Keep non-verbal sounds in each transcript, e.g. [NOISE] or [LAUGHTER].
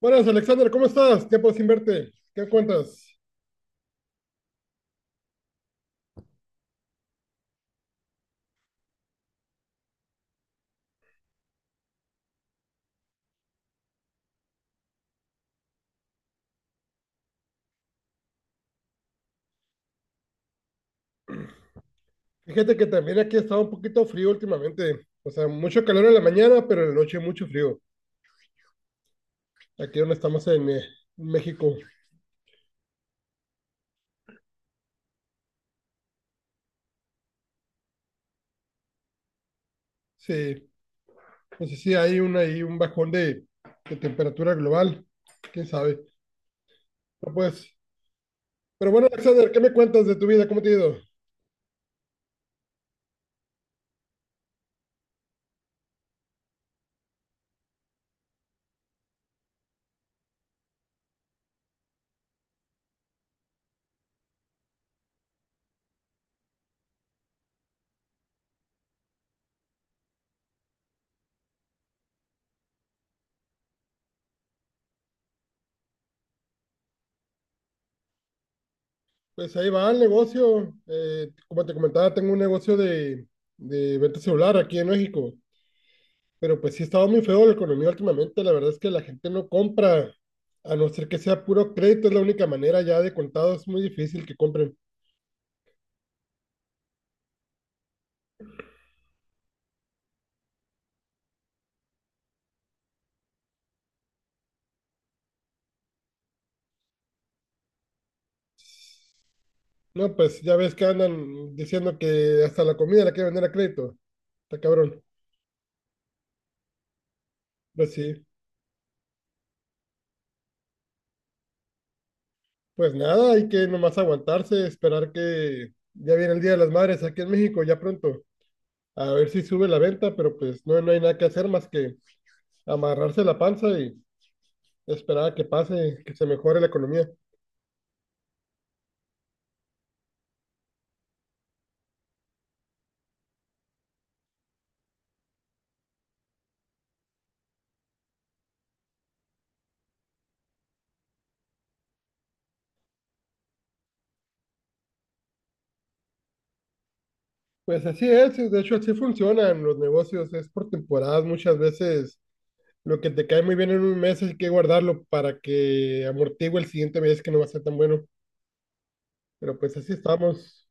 Buenas, Alexander, ¿cómo estás? Tiempo sin verte. ¿Qué cuentas? Fíjate que también aquí ha estado un poquito frío últimamente. O sea, mucho calor en la mañana, pero en la noche mucho frío. Aquí donde estamos en México. Sí, no sé si hay ahí un bajón de temperatura global. ¿Quién sabe? No, pues. Pero bueno, Alexander, ¿qué me cuentas de tu vida? ¿Cómo te ha ido? Pues ahí va el negocio. Como te comentaba, tengo un negocio de venta celular aquí en México. Pero pues sí ha estado muy feo la economía últimamente. La verdad es que la gente no compra, a no ser que sea puro crédito, es la única manera ya de contado. Es muy difícil que compren. No, pues ya ves que andan diciendo que hasta la comida la quieren vender a crédito. Está cabrón. Pues sí. Pues nada, hay que nomás aguantarse, esperar que ya viene el Día de las Madres aquí en México, ya pronto. A ver si sube la venta, pero pues no, no hay nada que hacer más que amarrarse la panza y esperar a que pase, que se mejore la economía. Pues así es, de hecho así funcionan los negocios, es por temporadas muchas veces lo que te cae muy bien en un mes hay que guardarlo para que amortigue el siguiente mes que no va a ser tan bueno, pero pues así estamos,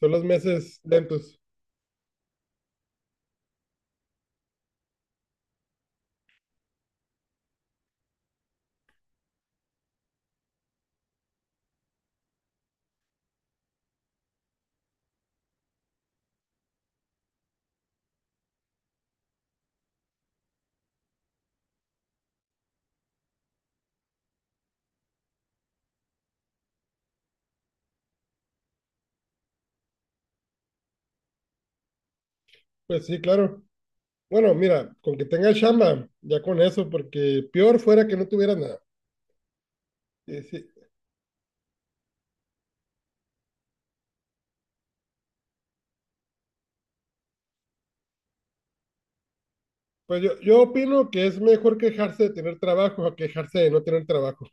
son los meses lentos, pues sí, claro. Bueno, mira, con que tengas chamba, ya con eso, porque peor fuera que no tuviera nada. Sí, sí. Pues yo opino que es mejor quejarse de tener trabajo a quejarse de no tener trabajo,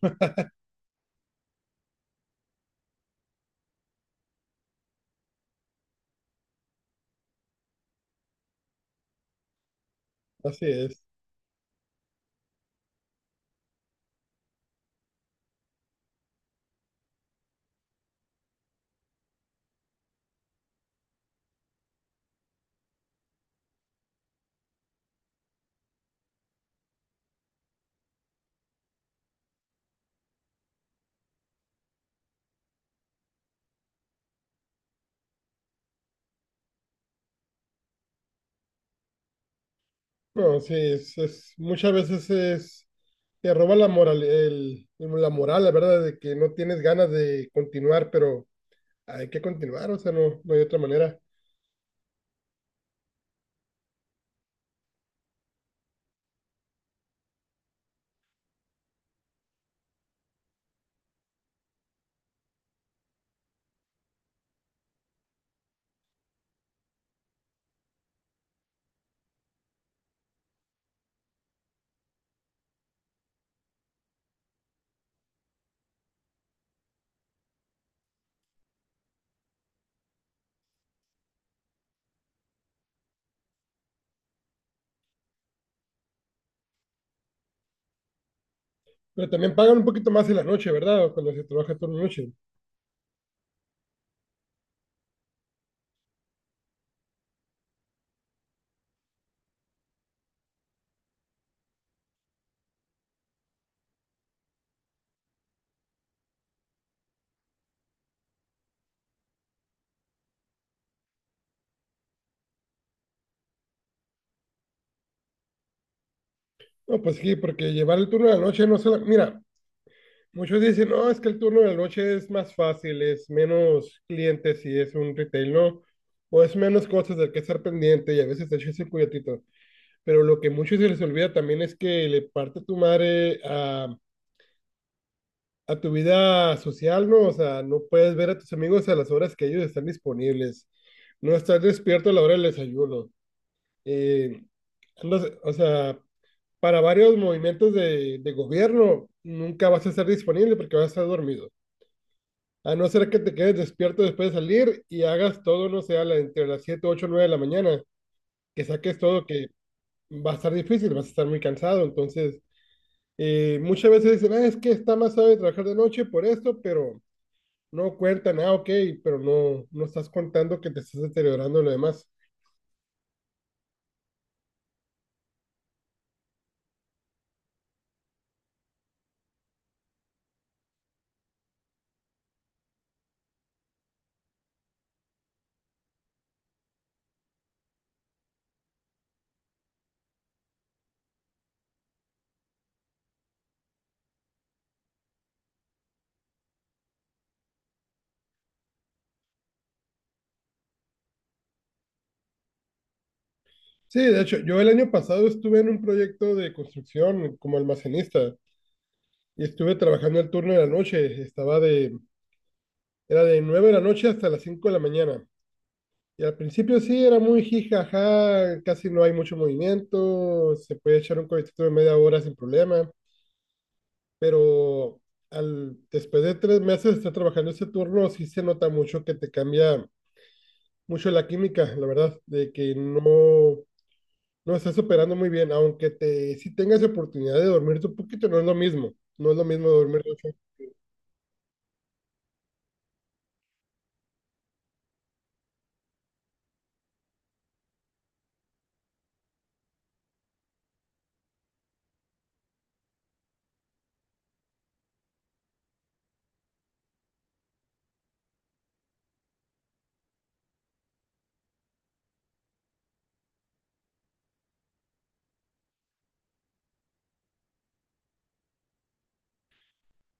[LAUGHS] así es. No, sí, muchas veces es, te roba la moral, la moral, la verdad, de que no tienes ganas de continuar, pero hay que continuar, o sea, no, no hay otra manera. Pero también pagan un poquito más en la noche, ¿verdad? Cuando se trabaja turno de noche. No, pues sí, porque llevar el turno de la noche no solo, mira, muchos dicen, no, es que el turno de la noche es más fácil, es menos clientes si es un retail, ¿no? O es menos cosas del que estar pendiente y a veces te echas un cuyatito. Pero lo que muchos se les olvida también es que le parte tu madre a tu vida social, ¿no? O sea, no puedes ver a tus amigos a las horas que ellos están disponibles. No estás despierto a la hora del desayuno. Eh, o sea, para varios movimientos de gobierno nunca vas a estar disponible porque vas a estar dormido. A no ser que te quedes despierto después de salir y hagas todo, no sé, entre las 7, 8, 9 de la mañana, que saques todo, que va a estar difícil, vas a estar muy cansado. Entonces, muchas veces dicen, ah, es que está más sabe trabajar de noche por esto, pero no cuentan, ah, ok, pero no estás contando que te estás deteriorando lo demás. Sí, de hecho, yo el año pasado estuve en un proyecto de construcción como almacenista y estuve trabajando el turno de la noche, estaba de, era de 9 de la noche hasta las 5 de la mañana. Y al principio sí, era muy jijaja, casi no hay mucho movimiento, se puede echar un cohetito de media hora sin problema. Pero después de 3 meses de estar trabajando ese turno, sí se nota mucho que te cambia mucho la química, la verdad, de que no, no estás operando muy bien, aunque te, si tengas oportunidad de dormirte un poquito, no es lo mismo, no es lo mismo dormir ocho.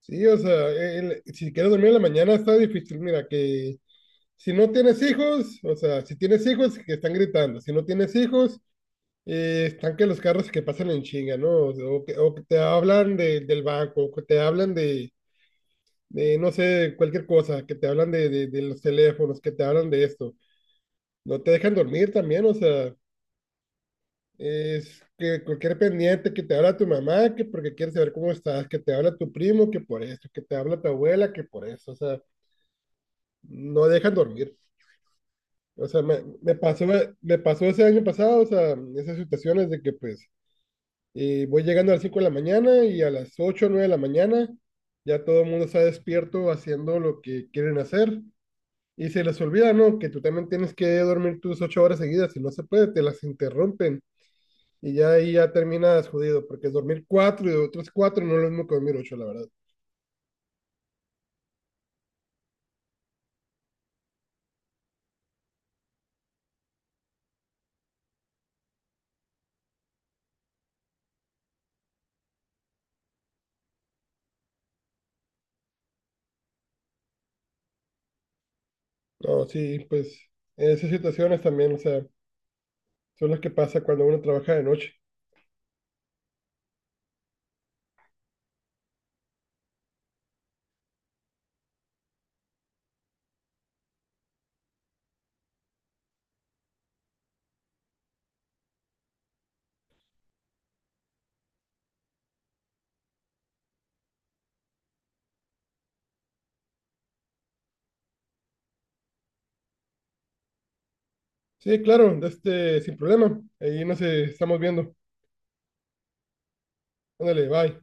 Sí, o sea, si quieres dormir en la mañana está difícil, mira, que si no tienes hijos, o sea, si tienes hijos, que están gritando, si no tienes hijos, están que los carros que pasan en chinga, ¿no? O que te hablan del banco, o que te hablan de, no sé, cualquier cosa, que te hablan de los teléfonos, que te hablan de esto. No te dejan dormir también, o sea, es que cualquier pendiente que te habla tu mamá, que porque quiere saber cómo estás, que te habla tu primo, que por esto, que te habla tu abuela, que por eso, o sea, no dejan dormir. O sea, me pasó ese año pasado, o sea, esas situaciones de que pues voy llegando a las 5 de la mañana y a las 8 o 9 de la mañana ya todo el mundo está despierto haciendo lo que quieren hacer. Y se les olvida, ¿no? Que tú también tienes que dormir tus 8 horas seguidas. Si no se puede, te las interrumpen. Y ya ahí ya terminas jodido, porque dormir cuatro y otras cuatro no es lo mismo que dormir ocho, la verdad. No, sí, pues esas situaciones también, o sea, son las que pasa cuando uno trabaja de noche. Sí, claro, este, sin problema. Ahí nos estamos viendo. Ándale, bye.